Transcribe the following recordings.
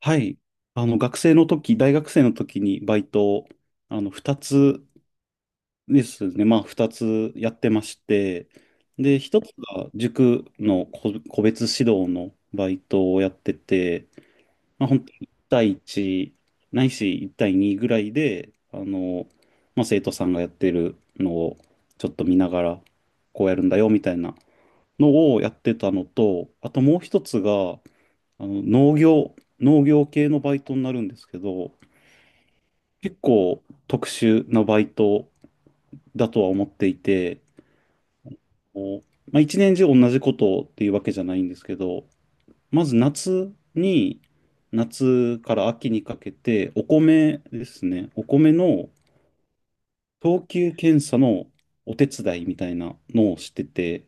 はい。あの、学生の時、大学生の時にバイトを、あの、二つですね。まあ、二つやってまして、で、一つが塾の個別指導のバイトをやってて、まあ、本当に1対1、ないし1対2ぐらいで、あの、まあ、生徒さんがやってるのをちょっと見ながら、こうやるんだよ、みたいなのをやってたのと、あともう一つが、あの農業、農業系のバイトになるんですけど、結構特殊なバイトだとは思っていて、こうまあ、一年中同じことっていうわけじゃないんですけど、まず夏に、夏から秋にかけて、お米ですね、お米の等級検査のお手伝いみたいなのをしてて、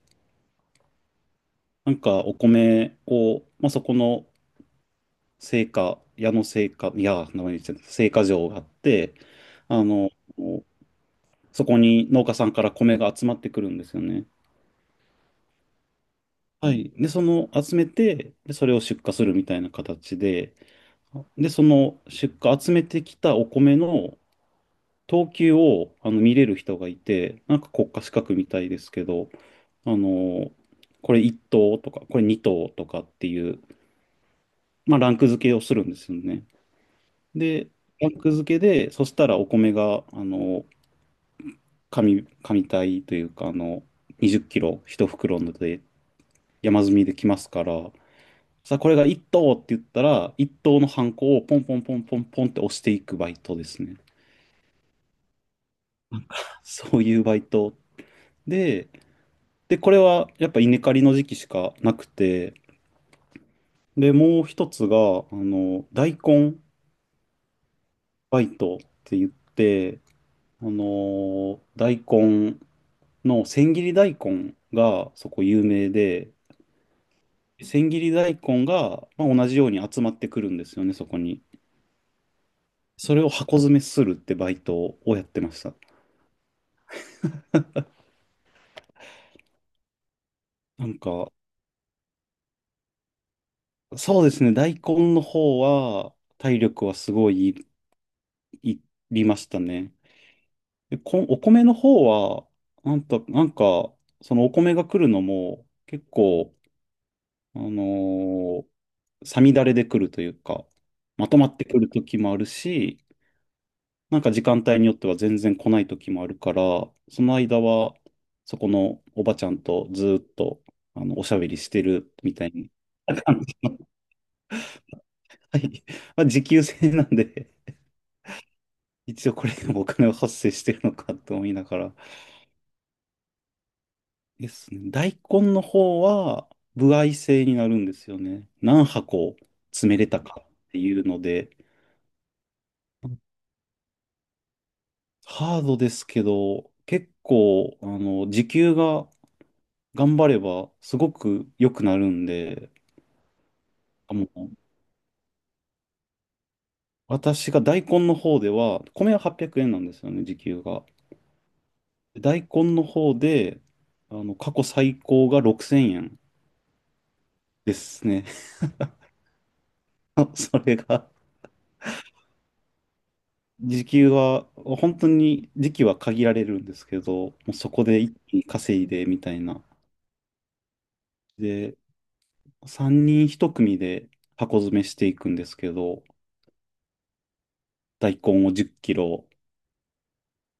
なんかお米を、まあ、そこの製菓、矢野製菓、いや、名前言ってた製菓場があって、あの、そこに農家さんから米が集まってくるんですよね。はい。で、その集めて、で、それを出荷するみたいな形で、で、その出荷、集めてきたお米の等級をあの見れる人がいて、なんか国家資格みたいですけど、あの、これ1等とか、これ2等とかっていう、まあ、ランク付けをするんですよね。で、ランク付けで、そしたらお米が、あの、紙体というか、あの、20キロ一袋ので山積みできますから、さあ、これが一等って言ったら、一等のハンコをポンポンポンポンポンって押していくバイトですね。そういうバイトで、で、これはやっぱ稲刈りの時期しかなくて、で、もう一つが、あの、大根バイトって言って、大根の千切り大根がそこ有名で、千切り大根が、まあ、同じように集まってくるんですよね、そこに。それを箱詰めするってバイトをやってました。なんか、そうですね、大根の方は体力はすごいいいりましたね。で、お米の方は、なんか、そのお米が来るのも結構、あのーさみだれで来るというか、まとまってくる時もあるし、なんか時間帯によっては全然来ない時もあるから、その間は、そこのおばちゃんとずーっと、あの、おしゃべりしてるみたいに。まあはい。まあ、時給制なんで、一応これでもお金は発生してるのかと思いながら。ですね。大根の方は、歩合制になるんですよね。何箱詰めれたかっていうので、ハードですけど、結構、あの、時給が頑張ればすごく良くなるんで、あ、もう、私が大根の方では、米は800円なんですよね、時給が。大根の方で、あの、過去最高が6000円ですね。あそれが、時給は、本当に時期は限られるんですけど、もうそこで一気に稼いでみたいな。で、3人1組で箱詰めしていくんですけど、大根を10キロ、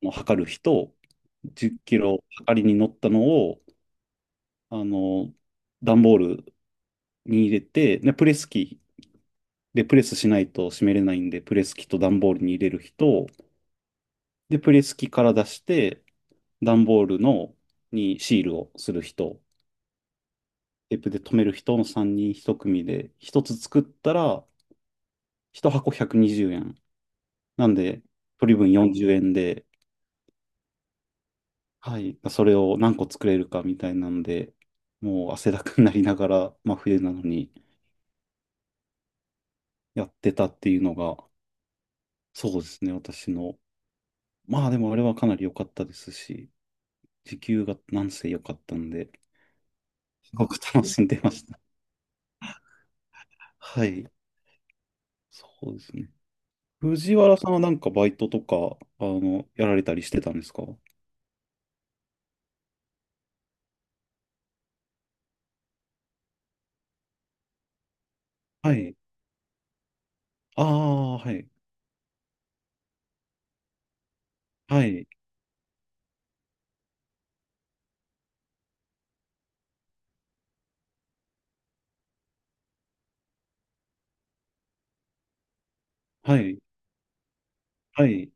の測る日と、10キロ測りに乗ったのを、あの、段ボールに入れて、で、プレス機でプレスしないと閉めれないんで、プレス機と段ボールに入れる人、で、プレス機から出して、段ボールのにシールをする人、テープで留める人の3人1組で、1つ作ったら、1箱120円。なんで、取り分40円で、はい、それを何個作れるかみたいなんで、もう汗だくになりながら、まあ冬なのにやってたっていうのが、そうですね、私の。まあでもあれはかなり良かったですし、時給がなんせ良かったんで、すごく楽しんでました。はい、そうですね。藤原さんはなんかバイトとか、あの、やられたりしてたんですか？はい。ああ、はい。はい。はい。はい。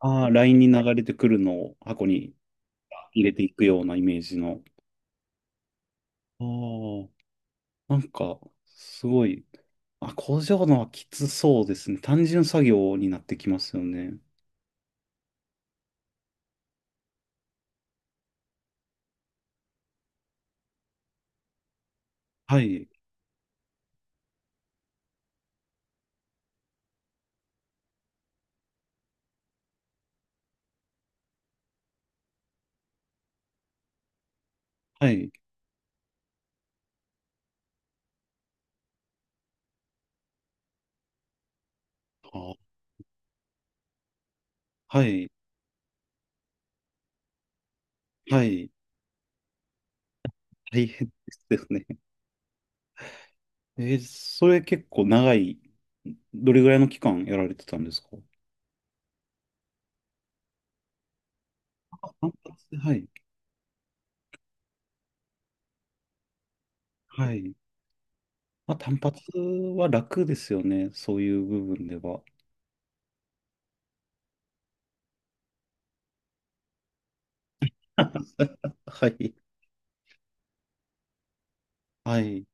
ああ、LINE に流れてくるのを箱に入れていくようなイメージの。ああ、なんか、すごいあ、工場のはきつそうですね。単純作業になってきますよね。はい、はい、あ、はい、はい、大変ですね。えーそれ結構長い、どれぐらいの期間やられてたんですか？単発、はい、はい。まあ、単発は楽ですよね。そういう部分では。はい、はい、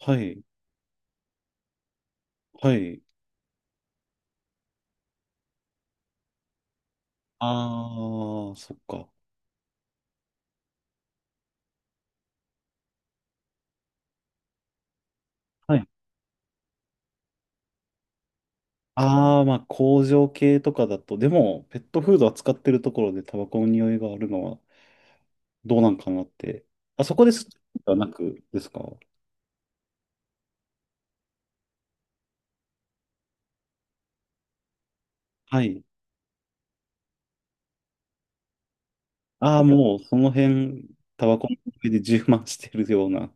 はい、はい。ああ、そっか。はいああ、まあ工場系とかだと、でもペットフード扱ってるところでタバコの匂いがあるのはどうなんかなって。あそこですではなくですか？はい。ああ、もうその辺、タバコの匂いで充満してるような。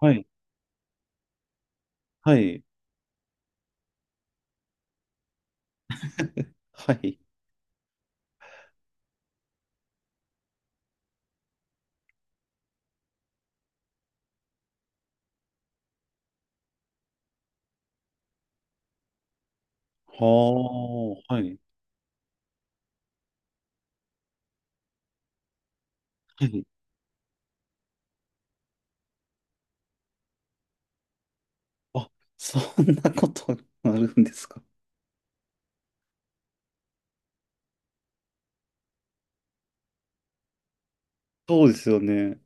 はい。はい。はい。はあ、はい。はい。あ、そんなことあるんですか？そうですよね。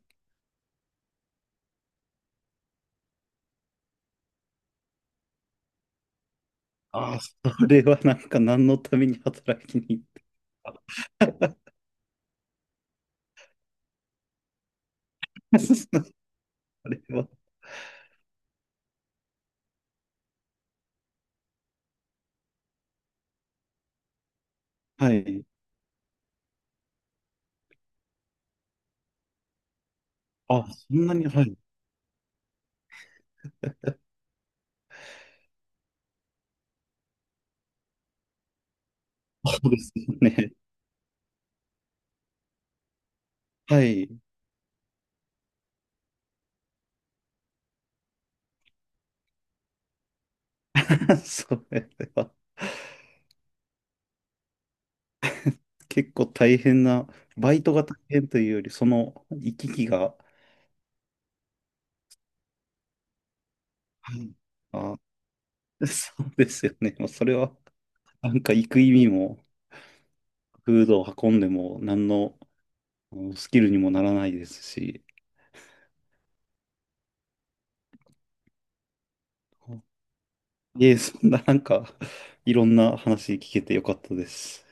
ああ、それはなんか何のために働きに行って。それは。はい。あ、そんなに、はい。そうですよね。はい。それは結構大変な、バイトが大変というより、その行き来が、はい。あ、そうですよね。もうそれは、なんか行く意味も、フードを運んでも、何のうんスキルにもならないですし、いえ、そんななんか、いろんな話聞けてよかったです。